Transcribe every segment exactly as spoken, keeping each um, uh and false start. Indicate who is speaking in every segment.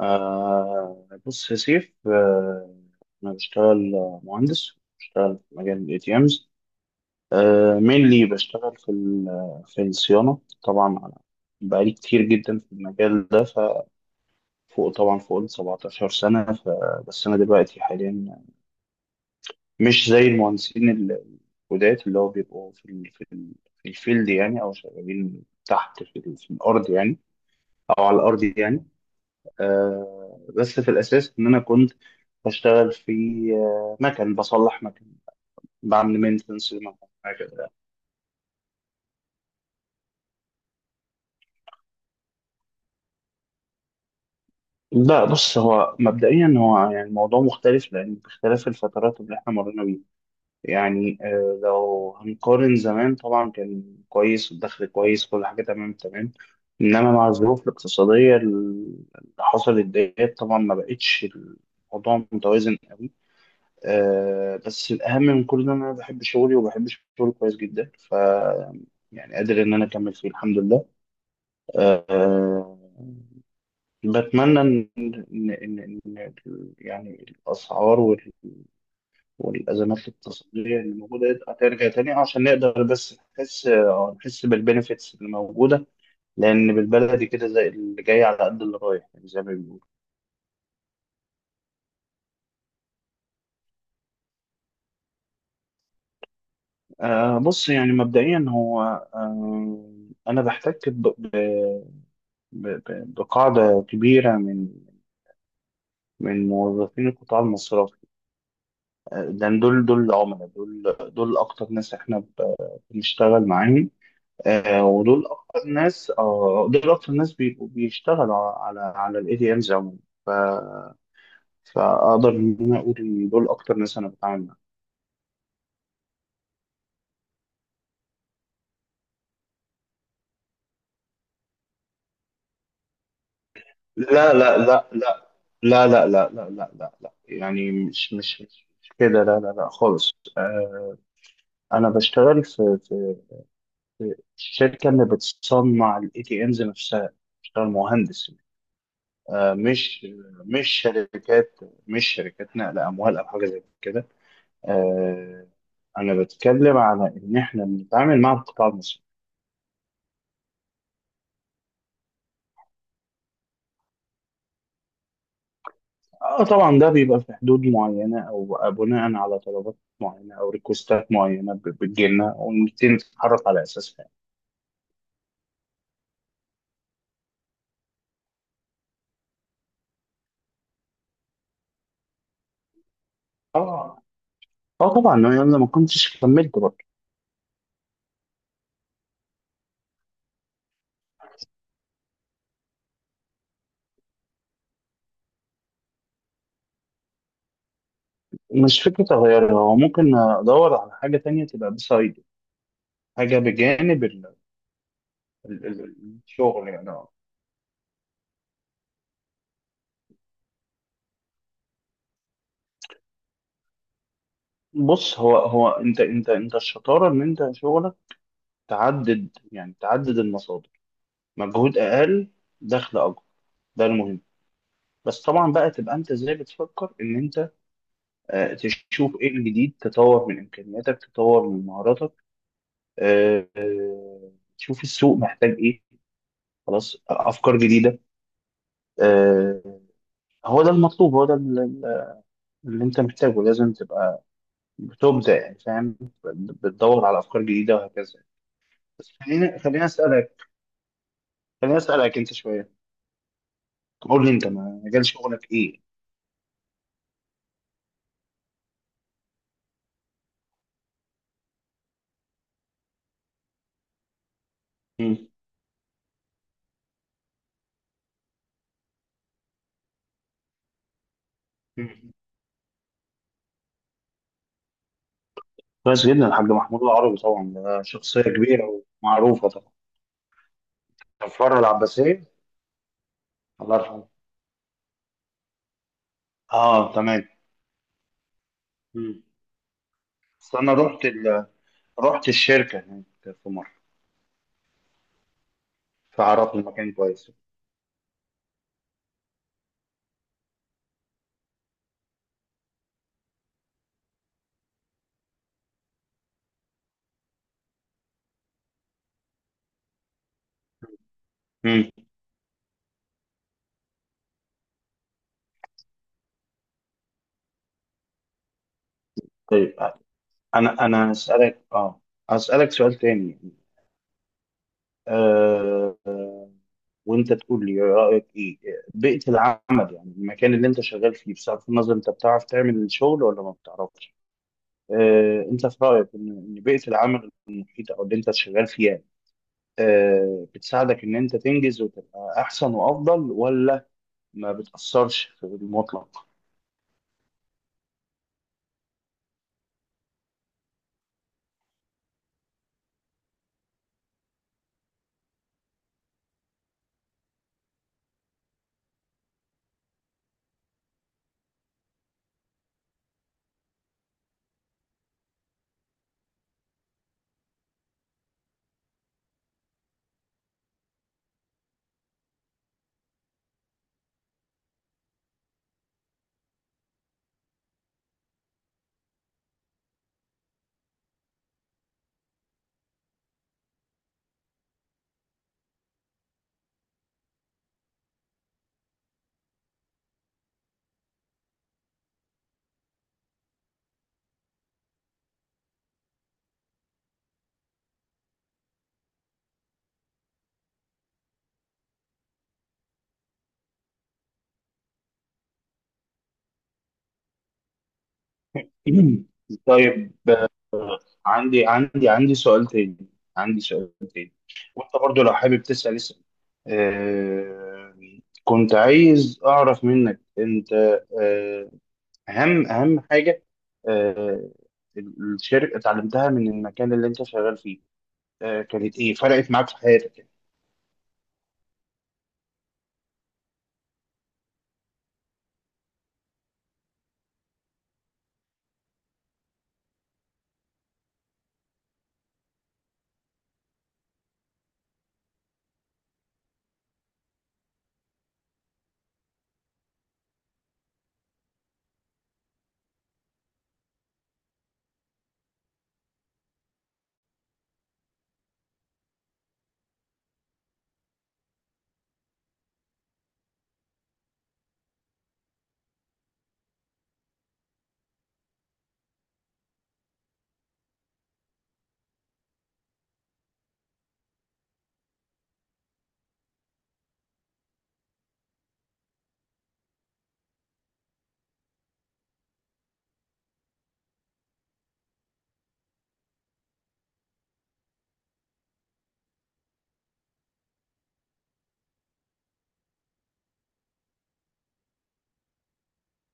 Speaker 1: آه، بص يا سيف. آه أنا بشتغل مهندس، بشتغل في مجال ال إيه تي إمز. آه mainly بشتغل في ال- في الصيانة. طبعا أنا بقالي كتير جدا في المجال ده، ففوق طبعا فوق ال سبعة عشر سنة. فبس أنا دلوقتي حاليا مش زي المهندسين ال- الجداد، اللي هو بيبقوا في ال في ال في الفيلد يعني، أو شغالين تحت في, ال- في الأرض يعني، أو على الأرض يعني. آه، بس في الأساس إن أنا كنت بشتغل في آه، مكن، بصلح مكن، بعمل مينتنس لمكن، حاجة كده. لا بص، هو مبدئيا هو يعني الموضوع مختلف، لأن باختلاف الفترات اللي إحنا مرينا بيها. يعني آه، لو هنقارن زمان، طبعا كان كويس والدخل كويس، كل حاجة تمام تمام. إنما مع الظروف الاقتصادية اللي حصلت ديت طبعا ما بقتش الموضوع متوازن قوي. آه، بس الأهم من كل ده إن أنا بحب شغلي، وبحب شغلي كويس جدا. ف يعني قادر إن أنا أكمل فيه، الحمد لله. آه، بتمنى إن إن إن إن يعني الأسعار وال- والأزمات الاقتصادية اللي موجودة ترجع تاني، عشان نقدر بس نحس، آه، نحس بالبنفيتس اللي موجودة. لأن بالبلدي كده، زي اللي جاي على قد اللي رايح، يعني زي ما بيقولوا. آه، بص يعني مبدئيا هو آه، أنا بحتك ب- ب- ب- بقاعدة كبيرة من من موظفين القطاع المصرفي. لأن دول دول العملاء، دول دول أكتر ناس إحنا ب- بنشتغل معاهم. آه، ودول أكتر ناس، آه، دول أكتر ناس بيبقوا بيشتغلوا على على الإي تي إمز عموما. ف- فأقدر إن أنا أقول إن دول أكتر ناس أنا بتعامل معاهم. لا لا لا لا لا لا لا لا لا لا لا، يعني مش مش مش مش كده، لا لا لا خالص. آه، أنا بشتغل في في الشركة اللي بتصنع الاي تي امز نفسها، بتشتغل مهندس. آه، مش مش شركات، مش شركات نقل اموال او حاجه زي كده. آه، انا بتكلم على ان احنا بنتعامل مع القطاع المصري. اه طبعا، ده بيبقى في حدود معينه، او بناء على طلبات معينه، او ريكوستات معينه ب- بتجي لنا ونبتدي نتحرك على اساسها. اه. اه طبعا، انا لما كنتش كملت برضه. مش فكره اغيرها، هو ممكن ادور على حاجه تانية تبقى بسايد، حاجه بجانب ال- ال- الشغل يعني آه. بص، هو هو انت انت انت الشطاره ان انت شغلك تعدد، يعني تعدد المصادر، مجهود اقل، دخل اكبر. ده المهم. بس طبعا بقى، تبقى انت ازاي بتفكر ان انت آه، تشوف ايه الجديد، تطور من امكانياتك، تطور من مهاراتك، آه، آه، تشوف السوق محتاج ايه. خلاص، افكار جديده. آه، هو ده المطلوب، هو ده ال- اللي انت محتاجه. لازم تبقى بتبدع، يعني فاهم. بتدور على افكار جديده وهكذا. بس خليني خليني اسالك خليني اسالك انت شويه، قول لي انت ما- مجال شغلك ايه؟ مم. مم. كويس جدا. الحاج محمود العربي، طبعا ده شخصية كبيرة ومعروفة طبعا. الفرع العباسية. الله يرحمه. اه تمام. مم. بس انا رحت ال... رحت الشركة هناك في مرة، فعرفت المكان كويس. مم. طيب، انا انا اسالك، اه اسالك سؤال تاني. آه، آه، وانت تقول لي رايك ايه. بيئه العمل، يعني المكان اللي انت شغال فيه، بصرف النظر انت بتعرف تعمل الشغل ولا ما بتعرفش. آه، انت في رايك ان إن بيئه العمل المحيطه او اللي انت شغال فيها آه، بتساعدك ان انت تنجز وتبقى احسن وافضل، ولا ما بتاثرش في المطلق؟ طيب. عندي عندي عندي سؤال تاني، عندي سؤال تاني. وانت برضو لو حابب تسأل، اسأل. آه كنت عايز اعرف منك انت، آه اهم اهم حاجة آه الشركة اتعلمتها من المكان اللي انت شغال فيه، آه كانت ايه فرقت معاك في حياتك؟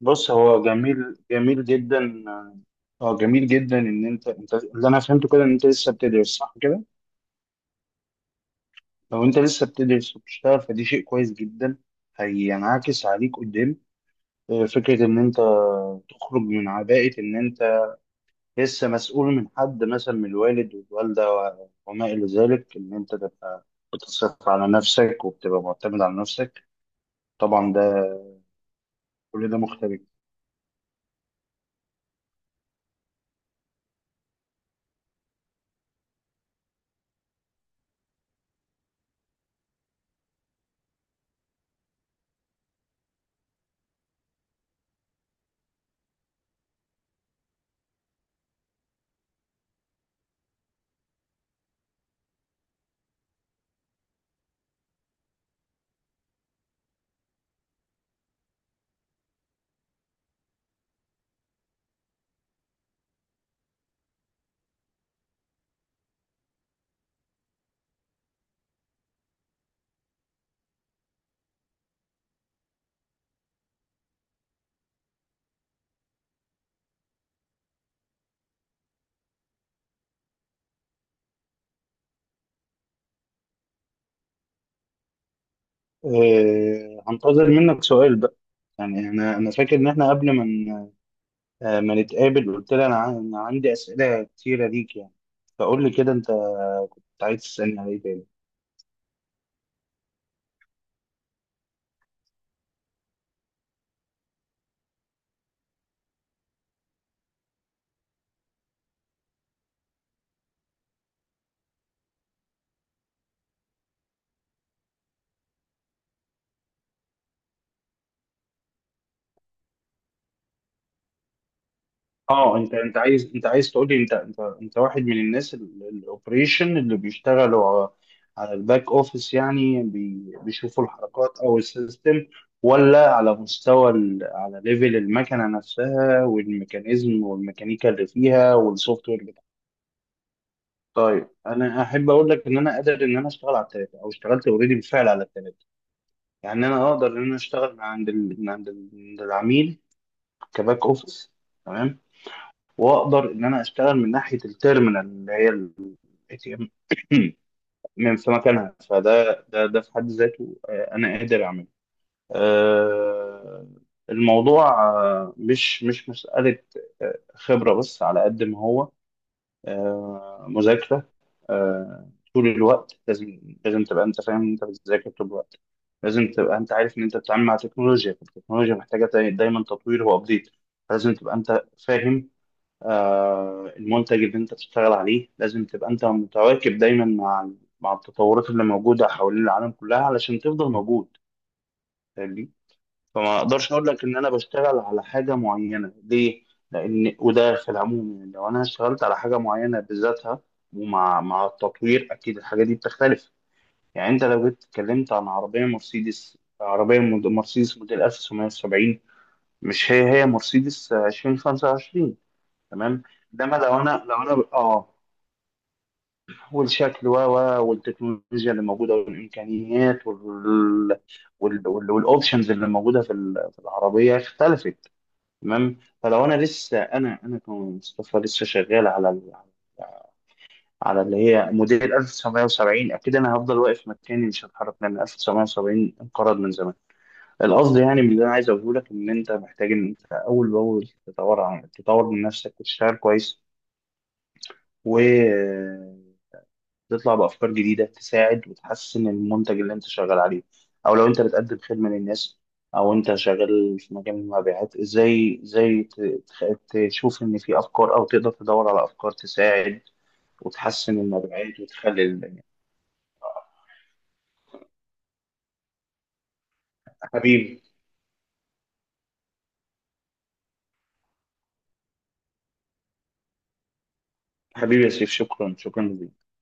Speaker 1: بص، هو جميل جميل جدا. اه جميل جدا، ان انت، انت اللي انا فهمته كده ان انت لسه بتدرس، صح كده؟ لو انت لسه بتدرس وبتشتغل، فدي شيء كويس جدا، هينعكس عليك قدام. فكرة إن أنت تخرج من عباءة إن أنت لسه مسؤول من حد، مثلا من الوالد والوالدة و- وما إلى ذلك، إن أنت تبقى بتصرف على نفسك، وبتبقى معتمد على نفسك. طبعا ده، كل ده مختلف. أه هنتظر منك سؤال بقى. يعني أنا أنا فاكر إن إحنا قبل ما ن- آه، ما نتقابل، قلت لي أنا ع- أنا عندي أسئلة كتيرة ليك يعني. فقول لي كده، أنت عايز تسألني على إيه تاني؟ اه، انت انت عايز انت عايز تقول لي، انت انت انت واحد من الناس الاوبريشن اللي بيشتغلوا ع- على الباك اوفيس، يعني بي- بيشوفوا الحركات او السيستم، ولا على مستوى ال- على ليفل المكنه نفسها، والميكانيزم والميكانيكا اللي فيها والسوفت وير بتاعها؟ طيب، انا احب اقول لك ان انا قادر ان انا اشتغل على الثلاثه، او اشتغلت اوريدي بالفعل على الثلاثه. يعني انا اقدر ان انا اشتغل من عند ال... من عند ال... من عند العميل، كباك اوفيس. تمام. واقدر ان انا اشتغل من ناحيه التيرمينال، اللي هي الاي تي ام من في مكانها. فده ده ده في حد ذاته، آه، انا قادر اعمله. آه، الموضوع آه، مش مش مساله آه، خبره، بس على قد ما هو آه، مذاكره. آه، طول الوقت، لازم لازم تبقى انت فاهم إن انت بتذاكر طول الوقت. لازم تبقى انت عارف ان انت بتتعامل مع تكنولوجيا، فالتكنولوجيا محتاجه داي- دايما تطوير وابديت. لازم تبقى انت فاهم آه، المنتج اللي انت بتشتغل عليه، لازم تبقى انت متواكب دايما مع ال- مع التطورات اللي موجوده حوالين العالم كلها، علشان تفضل موجود. فاهمني؟ فما اقدرش اقول لك ان انا بشتغل على حاجه معينه، ليه؟ لان وده في العموم، يعني لو انا اشتغلت على حاجه معينه بذاتها، ومع مع التطوير، اكيد الحاجه دي بتختلف. يعني انت لو جيت اتكلمت عن عربيه مرسيدس، عربيه مود- مرسيدس موديل ألف وتسعمية وسبعين، مش هي هي مرسيدس ألفين وخمسة وعشرين. تمام. انما لو انا لو انا اه والشكل، و و والتكنولوجيا اللي موجوده، والامكانيات، وال وال وال- والاوبشنز اللي موجوده في ال- في العربيه، اختلفت. تمام. فلو انا، لسه انا انا كمصطفى لسه شغال على ال- على اللي هي موديل ألف وتسعمية وسبعين، اكيد انا هفضل واقف مكاني، مش هتحرك، لان ألف وتسعمية وسبعين انقرض من زمان. القصد يعني، من اللي انا عايز اقوله لك، ان انت محتاج ان انت اول باول تطور، عن تطور من نفسك وتشتغل كويس، و تطلع بأفكار جديدة تساعد وتحسن المنتج اللي أنت شغال عليه، أو لو أنت بتقدم خدمة للناس، أو أنت شغال في مجال المبيعات، إزاي إزاي ت- تخ- تشوف إن في أفكار، أو تقدر تدور على أفكار تساعد وتحسن المبيعات، وتخلي الدنيا. حبيبي، حبيبي يا سيف، شكرا، شكرا ليك.